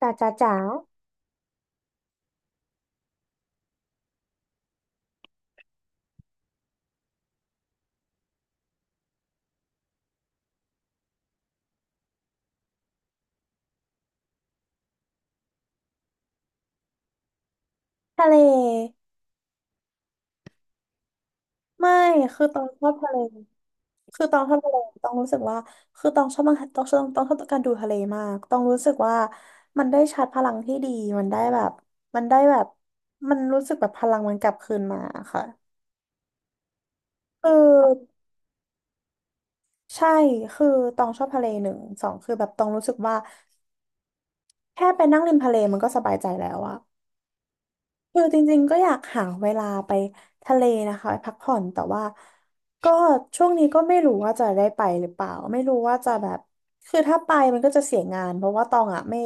จ๋าจ๋าจ๋าทะเลไม่คือตองชอบทะเลคือตองชอบทะเลตองรู้สึกว่าคือตองชอบมากตองชอบการดูทะเลมากตองรู้สึกว่ามันได้ชาร์จพลังที่ดีมันได้แบบมันได้แบบมันรู้สึกแบบพลังมันกลับคืนมาค่ะคือใช่คือตองชอบทะเลหนึ่งสองคือแบบตองรู้สึกว่าแค่ไปนั่งริมทะเลมันก็สบายใจแล้วอะ คือจริงๆก็อยากหาเวลาไปทะเลนะคะไปพักผ่อนแต่ว่าก็ช่วงนี้ก็ไม่รู้ว่าจะได้ไปหรือเปล่าไม่รู้ว่าจะแบบคือถ้าไปมันก็จะเสียงานเพราะว่าตองอ่ะไม่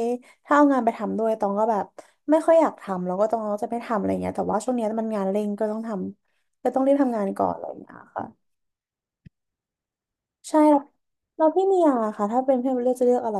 ถ้าเอางานไปทำด้วยตองก็แบบไม่ค่อยอยากทำแล้วก็ตองก็จะไม่ทำอะไรเงี้ยแต่ว่าช่วงนี้มันงานเร่งก็ต้องทำก็ต้องรีบทำงานก่อนอะไรอย่างเงี้ยค่ะใช่แล้วแล้วพี่เมียล่ะค่ะถ้าเป็นพี่เมียเลือกจะเลือกอะไร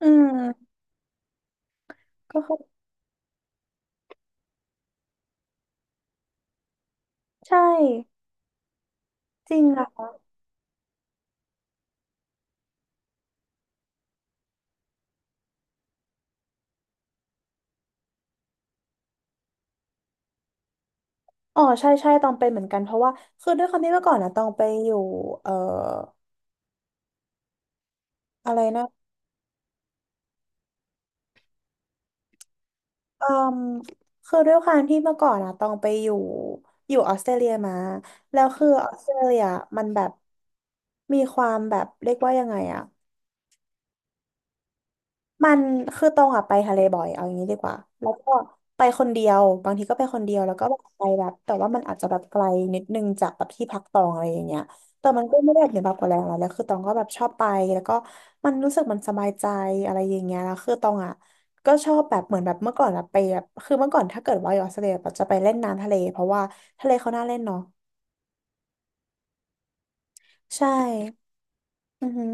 อืมก็คือใช่จริงอะ อ๋อใช่ใช่ตองเป็นเหมือนกันเพราะว่าคือด้วยความที่เมื่อก่อนนะตองไปอยู่เอ่ออะไรนะอืมคือด้วยความที่เมื่อก่อนนะตองไปอยู่อยู่ออสเตรเลียมาแล้วคือออสเตรเลียมันแบบมีความแบบเรียกว่ายังไงอะ มันคือตรงอะไปทะเลบ่อยเอาอย่างนี้ดีกว่าแล้วก็ไปคนเดียวบางทีก็ไปคนเดียวแล้วก็แบบไปแบบแต่ว่ามันอาจจะแบบไกลนิดนึงจากแบบที่พักตองอะไรอย่างเงี้ยแต่มันก็ไม่ได้เหนือบาปกว่าแรงอะไรแล้วคือตองก็แบบชอบไปแล้วก็มันรู้สึกมันสบายใจอะไรอย่างเงี้ยแล้วคือตองอะก็ชอบแบบเหมือนแบบเมื่อก่อนอะไปแบบคือเมื่อก่อนถ้าเกิดว่าอยู่ออสเตรเลียแบบจะไปเล่นน้ำทะเลเพราะว่าทะเลเขาน่าเล่นเนาะใช่อือหือ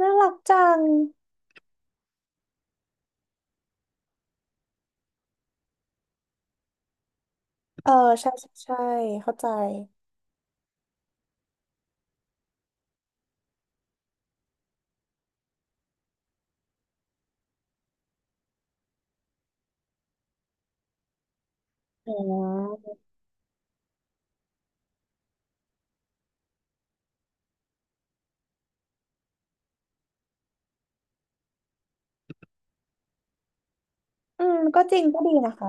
น่ารักจังเออใช่ใช่ใช่เข้าใจอ๋อ อืมก็จริงก็ดีนะคะ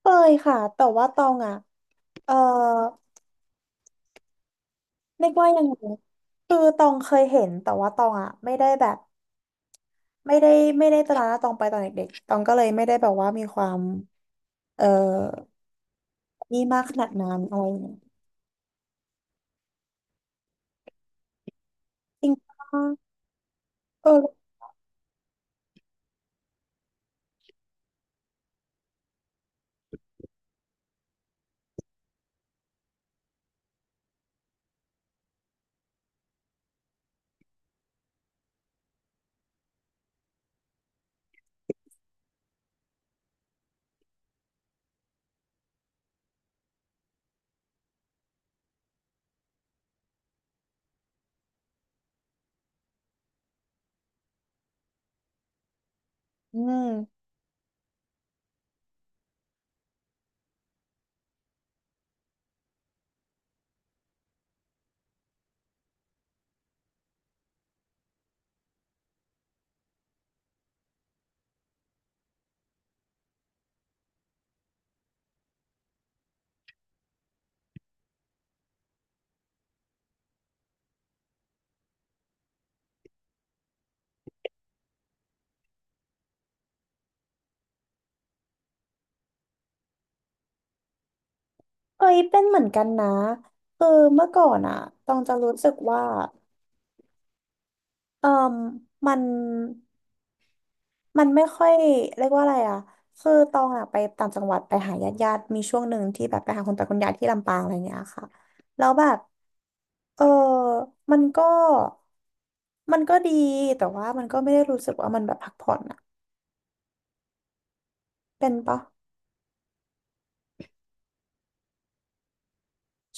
เคยค่ะแต่ว่าตองอ่ะเออเรียกว่ายังไงคือตองเคยเห็นแต่ว่าตองอ่ะไม่ได้แบบไม่ได้ไม่ได้ตระหนักตองไปตอนเด็กๆตองก็เลยไม่ได้แบบว่ามีความเออนี่มากขนาดนั้นอะไรอย่างเงี้ยจริงปะเอออืมเคยเป็นเหมือนกันนะคือเมื่อก่อนอ่ะตองจะรู้สึกว่าเออมมัน มันไม่ค่อยเรียกว่าอะไรอ่ะ คือตองอ่ะไปต่างจังหวัดไปหาญาติญาติมีช่วงหนึ่งที่แบบไปหาคุณตาคุณยายที่ลำปางอะไรเงี้ยค่ะแล้วแบบเออ มันก็มันก็ดีแต่ว่ามันก็ไม่ได้รู้สึกว่ามันแบบพักผ่อนอ่ะเป็นปะ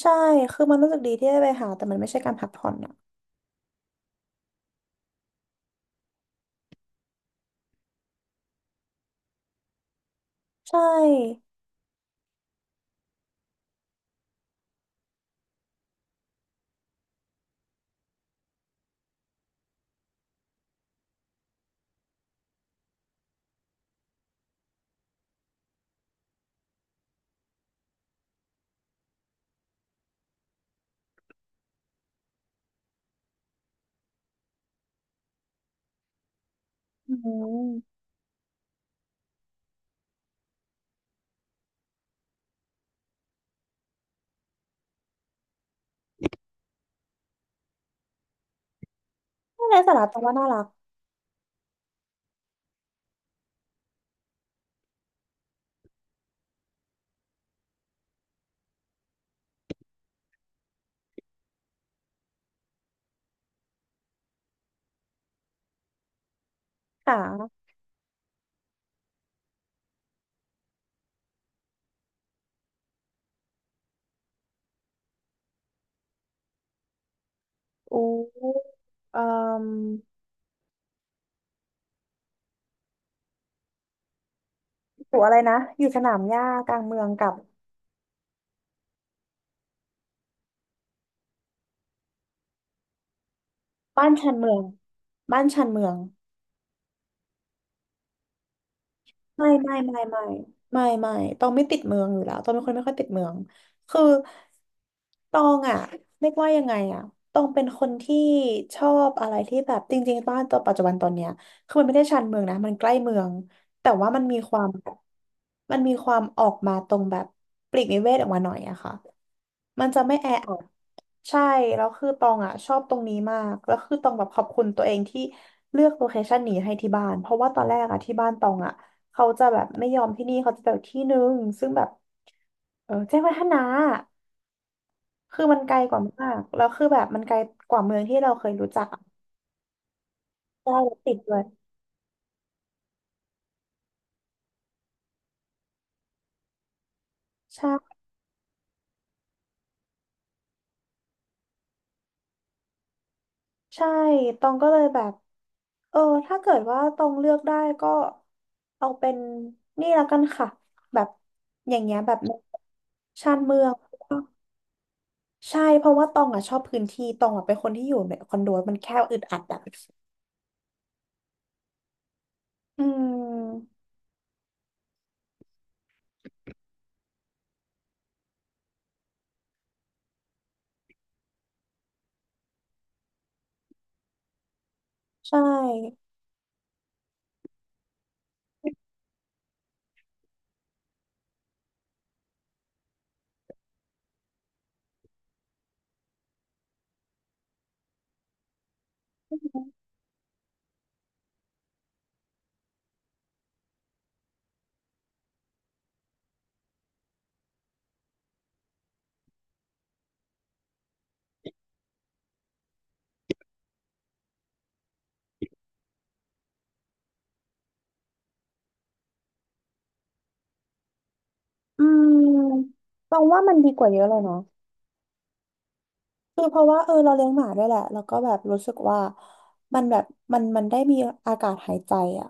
ใช่คือมันรู้สึกดีที่ได้ไปหาแต่มันไม่ใช่การพักผ่อนอ่ะใช่อืมไม่ไรสาระตรงว่าน่ารักค่ะอู้เอ่ออยู่อะไรนะอยู่สนามหญ้ากลางเมืองกับ บ้านชันเมือง บ้านชันเมือง ไม่ไม่ไม่ไม่ไม่ไม่ต้องไม่ติดเมืองอยู่แล้วต้องเป็นคนไม่ค่อยติดเมือง คือตองอ่ะเรียกว่ายังไงอ่ะตองเป็นคนที่ชอบอะไรที่แบบจริงๆบ้านตัวปัจจุบันตอนเนี้ยคือมันไม่ได้ชานเมืองนะ มันใกล้เมือง แต่ว่ามันมีความแบบมันมีความออกมาตรงแบบปลีกวิเวกออกมาหน่อยอะค่ะมันจะไม่แออัดใช่แล้วคือตองอ่ะชอบตรงนี้มากแล้วคือตองแบบขอบคุณตัวเองที่เลือกโลเคชันนี้ให้ที่บ้านเพราะว่าตอนแรกอ่ะที่บ้านตองอ่ะ เขาจะแบบไม่ยอมที่นี่เขาจะไปอีกที่นึงซึ่งแบบเออแจ้งวัฒนะคือมันไกลกว่ามากแล้วคือแบบมันไกลกว่าเมืองที่เราเคยรู้จักอะใช่รถติดเลยใช่ใช่ตองก็เลยแบบเออถ้าเกิดว่าตองเลือกได้ก็เอาเป็นนี่แล้วกันค่ะแบบอย่างเงี้ยแบบชานเมืองใช่เพราะว่าตองอ่ะชอบพื้นที่ตองอ่ะเป็นคนที่อยู่ในคอนโดมันแคบอึดอัดอ่ะอืมใช่ อืมมองว่ามันดีกว่าเยอะเลยเนาะคือเพราะว่าเออเราเลี้ยงหมาด้วยแหละแล้วก็แบบรู้สึกว่ามันแบบมันได้มีอากาศหายใจอ่ะ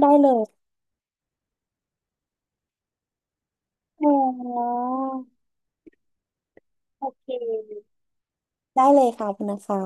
ได้เลยอ๋อโอเคได้เลยค่ะคุณนะคะ